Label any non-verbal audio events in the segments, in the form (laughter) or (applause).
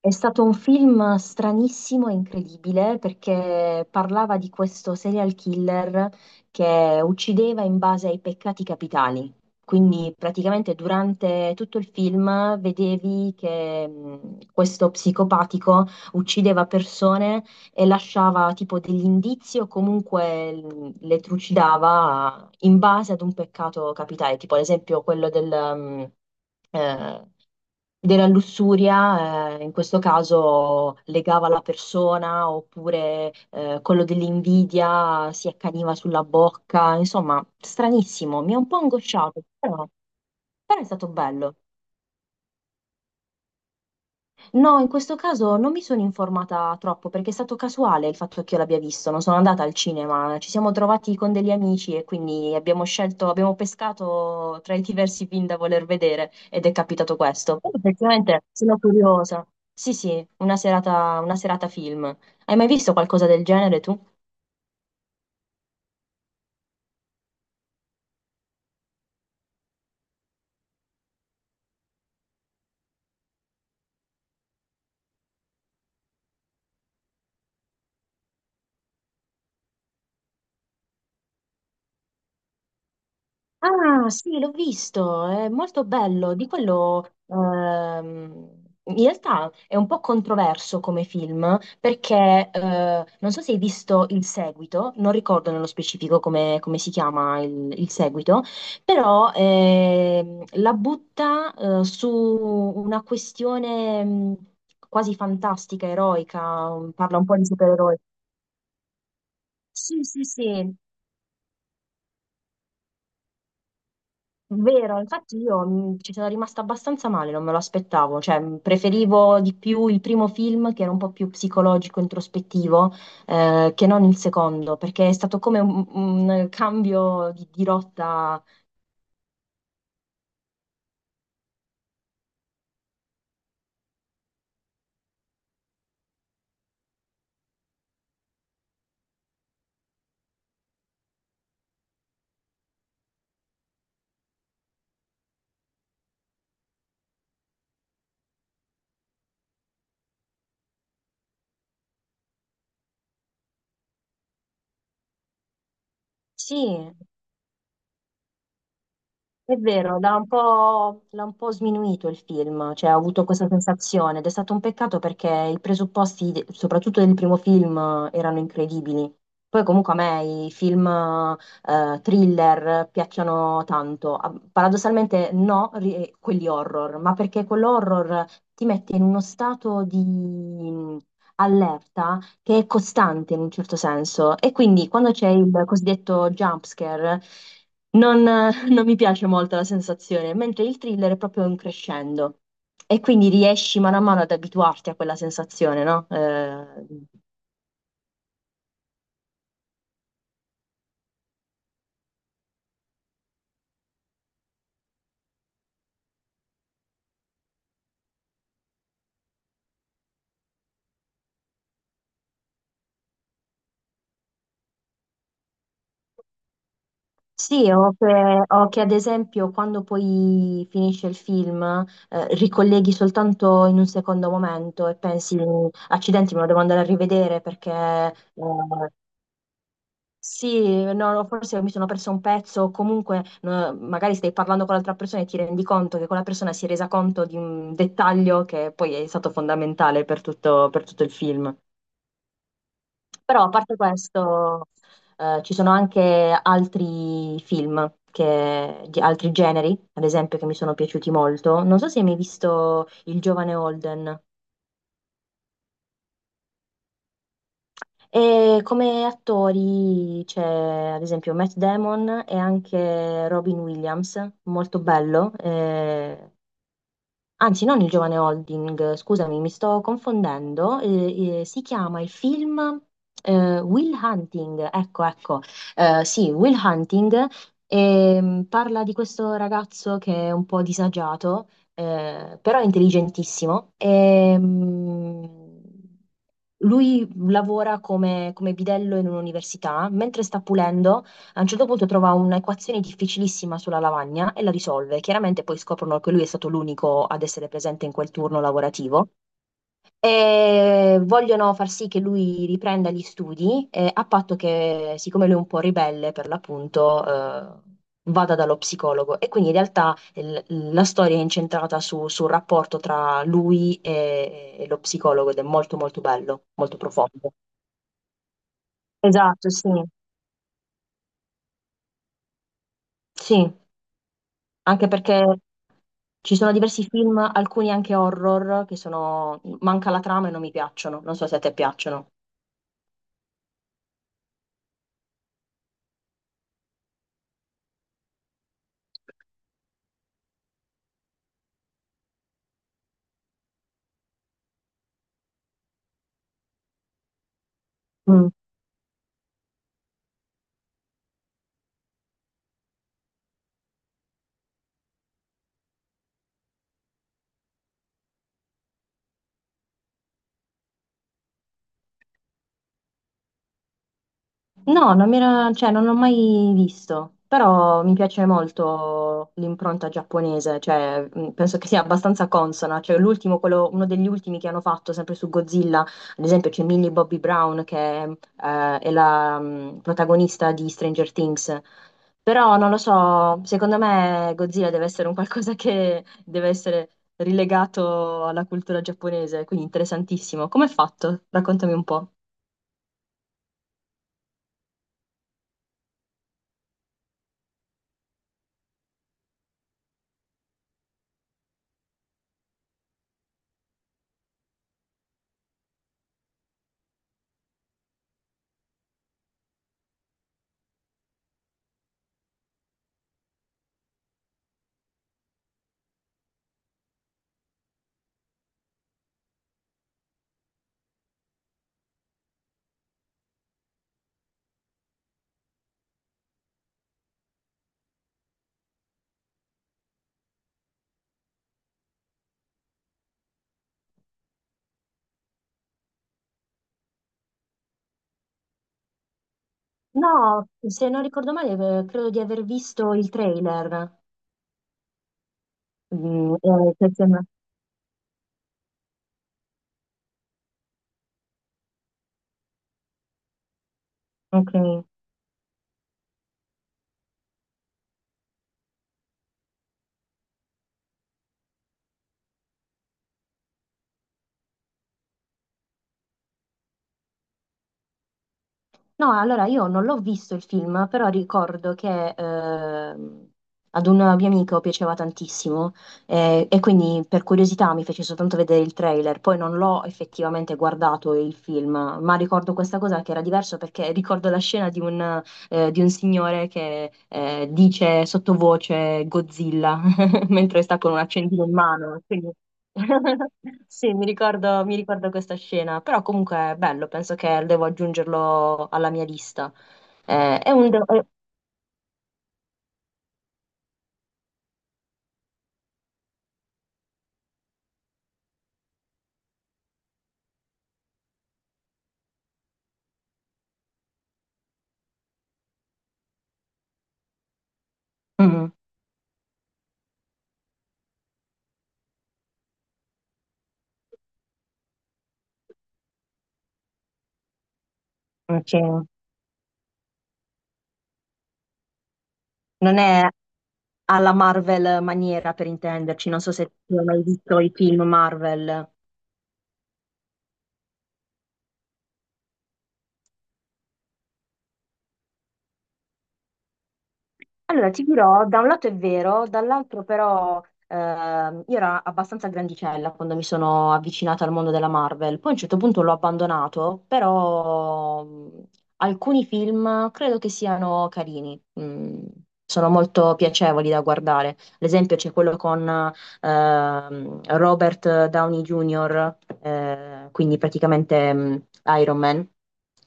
È stato un film stranissimo e incredibile perché parlava di questo serial killer che uccideva in base ai peccati capitali. Quindi praticamente durante tutto il film vedevi che questo psicopatico uccideva persone e lasciava tipo degli indizi o comunque le trucidava in base ad un peccato capitale, tipo ad esempio quello mh, eh, della lussuria, in questo caso legava la persona, oppure quello dell'invidia si accaniva sulla bocca, insomma, stranissimo, mi ha un po' angosciato, però è stato bello. No, in questo caso non mi sono informata troppo perché è stato casuale il fatto che io l'abbia visto, non sono andata al cinema, ci siamo trovati con degli amici e quindi abbiamo scelto, abbiamo pescato tra i diversi film da voler vedere ed è capitato questo. Però effettivamente sono curiosa. Sì, sì, una serata film. Hai mai visto qualcosa del genere tu? Ah, sì, l'ho visto, è molto bello. Di quello, in realtà è un po' controverso come film, perché non so se hai visto il seguito, non ricordo nello specifico come si chiama il seguito, però la butta su una questione quasi fantastica, eroica, parla un po' di supereroi. Sì, sì, sì, vero, infatti io ci sono rimasta abbastanza male, non me lo aspettavo, cioè preferivo di più il primo film che era un po' più psicologico, introspettivo, che non il secondo, perché è stato come un cambio di rotta. Sì, è vero, l'ha un po' sminuito il film, cioè ho avuto questa sensazione ed è stato un peccato perché i presupposti, soprattutto del primo film, erano incredibili. Poi comunque a me i film thriller piacciono tanto. Ah, paradossalmente no, quelli horror, ma perché quell'horror ti mette in uno stato di allerta che è costante in un certo senso. E quindi quando c'è il cosiddetto jump scare, non, (laughs) non mi piace molto la sensazione, mentre il thriller è proprio un crescendo. E quindi riesci mano a mano ad abituarti a quella sensazione, no? Sì, o che ad esempio quando poi finisce il film, ricolleghi soltanto in un secondo momento e pensi, accidenti, me lo devo andare a rivedere perché. Sì, no, no, forse mi sono perso un pezzo, o comunque no, magari stai parlando con l'altra persona e ti rendi conto che quella persona si è resa conto di un dettaglio che poi è stato fondamentale per tutto il film. Però a parte questo, ci sono anche altri film, di altri generi, ad esempio, che mi sono piaciuti molto. Non so se hai mai visto Il giovane Holden. E come attori c'è ad esempio Matt Damon e anche Robin Williams, molto bello. Anzi, non il giovane Holding, scusami, mi sto confondendo. Si chiama il film Will Hunting, ecco, ecco. Sì, Will Hunting parla di questo ragazzo che è un po' disagiato, però è intelligentissimo. Lui lavora come bidello in un'università, mentre sta pulendo a un certo punto trova un'equazione difficilissima sulla lavagna e la risolve. Chiaramente poi scoprono che lui è stato l'unico ad essere presente in quel turno lavorativo e vogliono far sì che lui riprenda gli studi, a patto che, siccome lui è un po' ribelle per l'appunto, eh, vada dallo psicologo. E quindi in realtà la storia è incentrata sul rapporto tra lui e lo psicologo ed è molto molto bello, molto profondo. Esatto, sì. Sì, anche perché ci sono diversi film, alcuni anche horror, manca la trama e non mi piacciono. Non so se a te piacciono. No, non cioè, non l'ho mai visto, però mi piace molto l'impronta giapponese, cioè, penso che sia abbastanza consona, cioè, l'ultimo, uno degli ultimi che hanno fatto sempre su Godzilla, ad esempio c'è Millie Bobby Brown che è la protagonista di Stranger Things, però non lo so, secondo me Godzilla deve essere un qualcosa che deve essere rilegato alla cultura giapponese, quindi interessantissimo. Come è fatto? Raccontami un po'. No, se non ricordo male, credo di aver visto il trailer. Mm, eh, che sembra- ok. No, allora io non l'ho visto il film, però ricordo che ad un mio amico piaceva tantissimo e quindi per curiosità mi fece soltanto vedere il trailer, poi non l'ho effettivamente guardato il film, ma ricordo questa cosa che era diverso perché ricordo la scena di un signore che dice sottovoce Godzilla (laughs) mentre sta con un accendino in mano. (laughs) Sì, mi ricordo questa scena, però comunque è bello, penso che devo aggiungerlo alla mia lista. È un... è- mm, Ok. Non è alla Marvel maniera, per intenderci, non so se tu hai mai visto i film Marvel. Allora, ti dirò, da un lato è vero, dall'altro però io ero abbastanza grandicella quando mi sono avvicinata al mondo della Marvel, poi a un certo punto l'ho abbandonato, però alcuni film credo che siano carini, sono molto piacevoli da guardare. Ad esempio c'è quello con Robert Downey Jr., quindi praticamente Iron Man,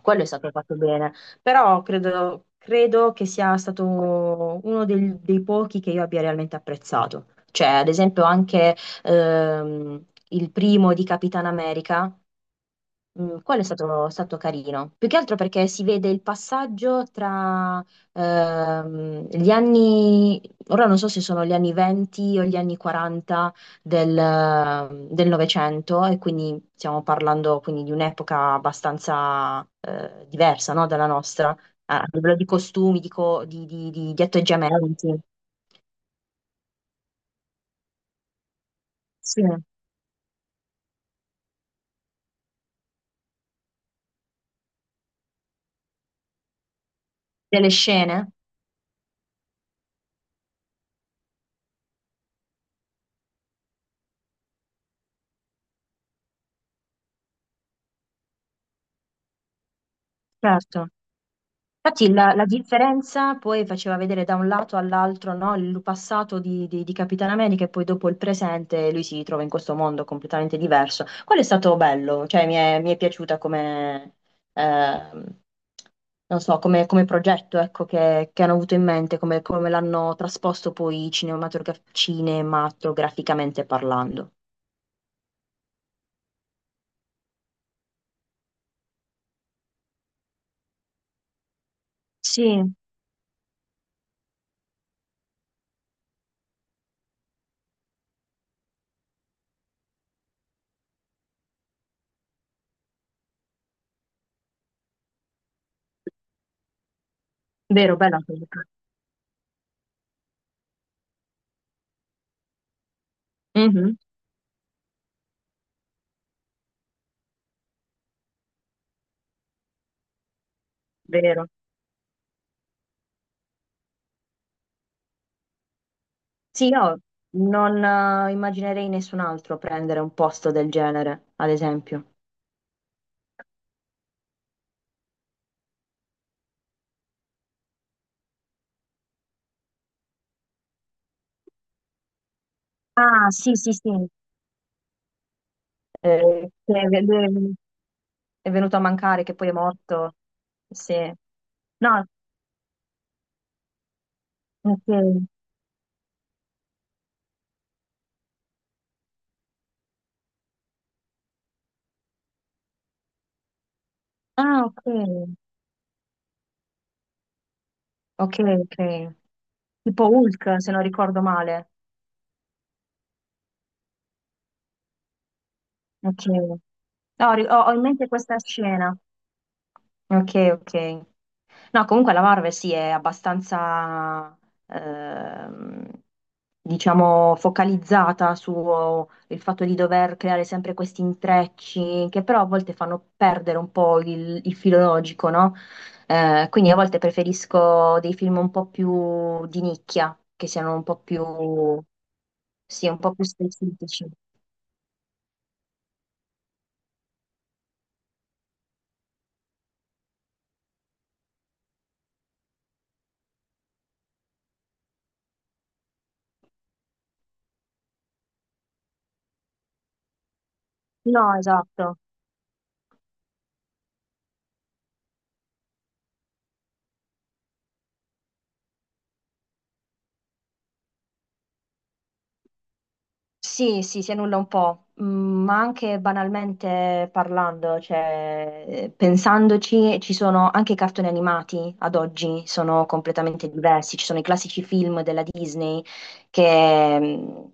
quello è stato fatto bene, però credo che sia stato uno dei pochi che io abbia realmente apprezzato. Cioè, ad esempio, anche ehm, il primo di Capitan America. Quello è stato carino, più che altro perché si vede il passaggio tra gli anni, ora non so se sono gli anni 20 o gli anni 40 del Novecento e quindi stiamo parlando quindi di un'epoca abbastanza diversa no, dalla nostra, a livello di costumi, di, co- di atteggiamenti, sì. Delle scene, certo. Infatti la differenza poi faceva vedere da un lato all'altro, no, il passato di Capitan America e poi dopo il presente, lui si trova in questo mondo completamente diverso. Quello è stato bello, cioè mi è piaciuta come, ehm, non so, come progetto, ecco, che hanno avuto in mente, come l'hanno trasposto poi cinematograficamente parlando. Sì, vero, bella cosa. Mhm, vero. Sì, io non immaginerei nessun altro prendere un posto del genere, ad esempio. Ah, sì, sì, sì. Che è lui è venuto a mancare, che poi è morto. Sì. No, ok. Ah, ok. Ok, ok. Tipo Hulk, se non ricordo male. Ok. No, ho in mente questa scena. Ok, ok. No, comunque la Marvel sì, è abbastanza, ehm, diciamo, focalizzata sul fatto di dover creare sempre questi intrecci che però a volte fanno perdere un po' il filo logico, no? Quindi a volte preferisco dei film un po' più di nicchia, che siano un po' più, sì, un po' più specifici. No, esatto. Sì, sì, si annulla un po', ma anche banalmente parlando, cioè, pensandoci, ci sono anche i cartoni animati ad oggi, sono completamente diversi, ci sono i classici film della Disney che mm,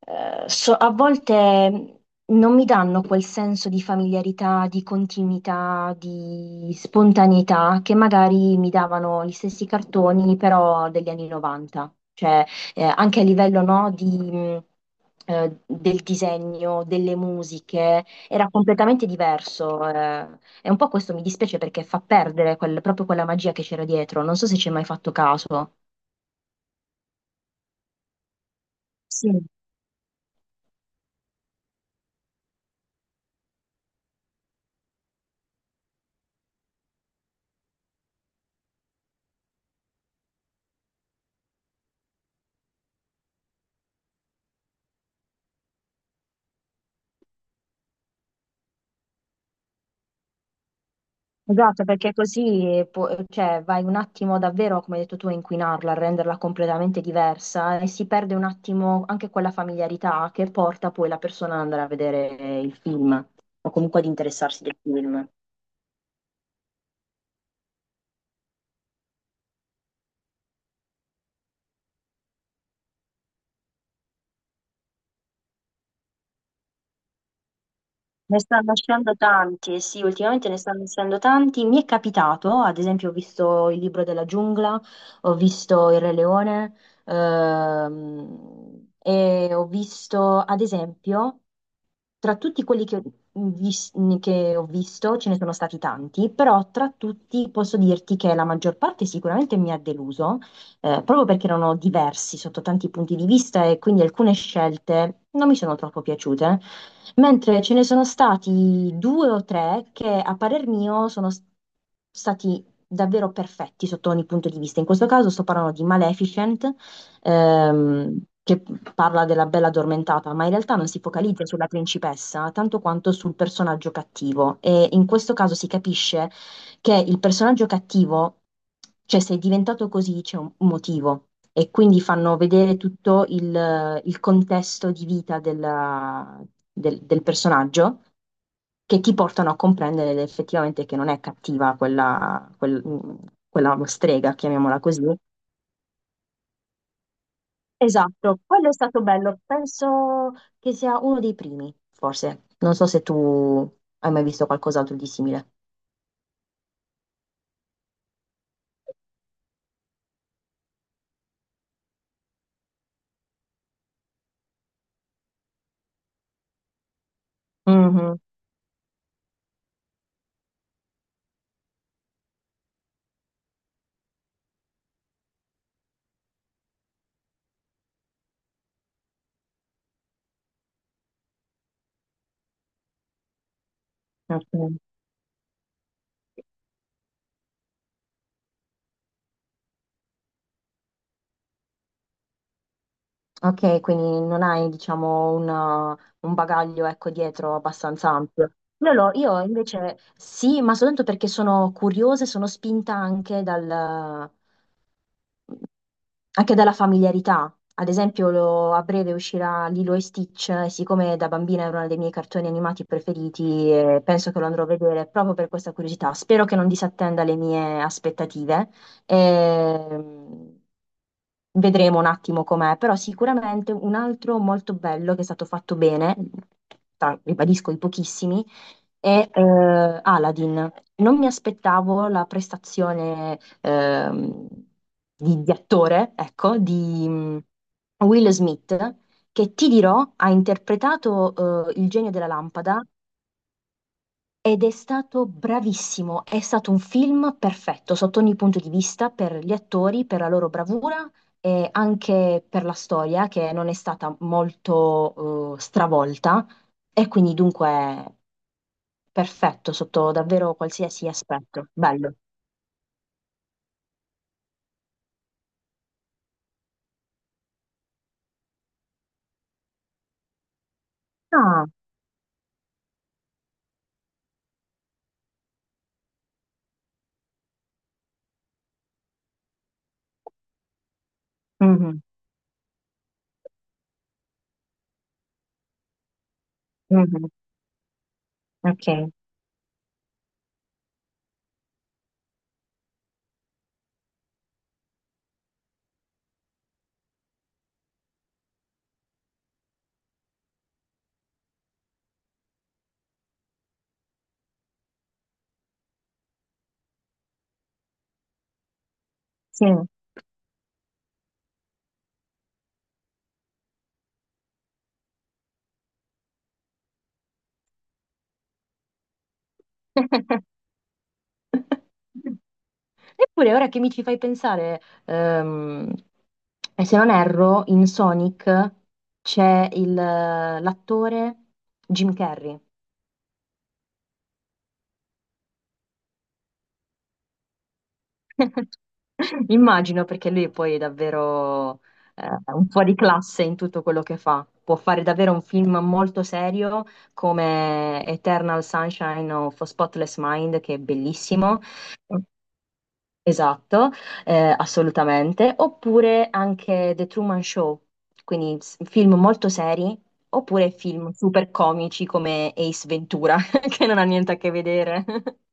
a volte non mi danno quel senso di familiarità, di continuità, di spontaneità che magari mi davano gli stessi cartoni però degli anni 90. Cioè, anche a livello, no, del disegno, delle musiche, era completamente diverso. E un po' questo mi dispiace perché fa perdere proprio quella magia che c'era dietro. Non so se ci hai mai fatto caso. Sì, esatto, perché così cioè, vai un attimo davvero, come hai detto tu, a inquinarla, a renderla completamente diversa e si perde un attimo anche quella familiarità che porta poi la persona ad andare a vedere il film o comunque ad interessarsi del film. Ne stanno uscendo tanti, eh sì, ultimamente ne stanno uscendo tanti. Mi è capitato, ad esempio, ho visto il libro della giungla, ho visto il Re Leone, e ho visto, ad esempio, tra tutti quelli vis- che ho visto, ce ne sono stati tanti, però tra tutti posso dirti che la maggior parte sicuramente mi ha deluso, proprio perché erano diversi sotto tanti punti di vista e quindi alcune scelte non mi sono troppo piaciute, mentre ce ne sono stati due o tre che a parer mio sono stati davvero perfetti sotto ogni punto di vista. In questo caso sto parlando di Maleficent ehm, che parla della bella addormentata, ma in realtà non si focalizza sulla principessa tanto quanto sul personaggio cattivo. E in questo caso si capisce che il personaggio cattivo, cioè se è diventato così c'è un motivo. E quindi fanno vedere tutto il contesto di vita del personaggio che ti portano a comprendere effettivamente che non è cattiva quella strega, chiamiamola così. Esatto, quello è stato bello, penso che sia uno dei primi, forse. Non so se tu hai mai visto qualcos'altro di simile. Mhm, ok, ok, quindi non hai, diciamo, un bagaglio, ecco, dietro abbastanza ampio. Io invece sì, ma soltanto perché sono curiosa e sono spinta anche anche dalla familiarità. Ad esempio, a breve uscirà Lilo e Stitch, e siccome da bambina era uno dei miei cartoni animati preferiti, penso che lo andrò a vedere proprio per questa curiosità. Spero che non disattenda le mie aspettative. Ehm, Vedremo un attimo com'è, però sicuramente un altro molto bello che è stato fatto bene, ribadisco i pochissimi, è Aladdin. Non mi aspettavo la prestazione di attore, ecco, di Will Smith, che ti dirò ha interpretato il genio della lampada ed è stato bravissimo. È stato un film perfetto sotto ogni punto di vista per gli attori, per la loro bravura. E anche per la storia che non è stata molto stravolta, e quindi dunque. Perfetto, sotto davvero qualsiasi aspetto. Bello. Ah, mhm, mhm, ok, sì. (laughs) Eppure, ora che mi ci fai pensare, e se non erro, in Sonic c'è l'attore Jim Carrey. (laughs) Immagino perché lui poi è davvero un fuori classe in tutto quello che fa. Può fare davvero un film molto serio come Eternal Sunshine of a Spotless Mind, che è bellissimo. Esatto, assolutamente. Oppure anche The Truman Show, quindi film molto seri, oppure film super comici come Ace Ventura, (laughs) che non ha niente a che vedere. (laughs)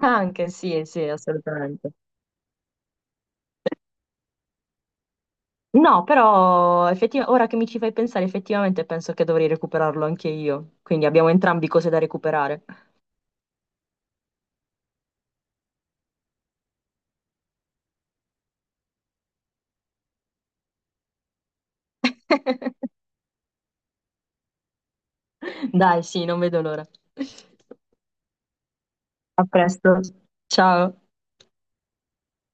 Anche sì, sì, assolutamente. No, però ora che mi ci fai pensare, effettivamente penso che dovrei recuperarlo anche io. Quindi abbiamo entrambi cose da recuperare. (laughs) Dai, sì, non vedo l'ora. A presto. Ciao.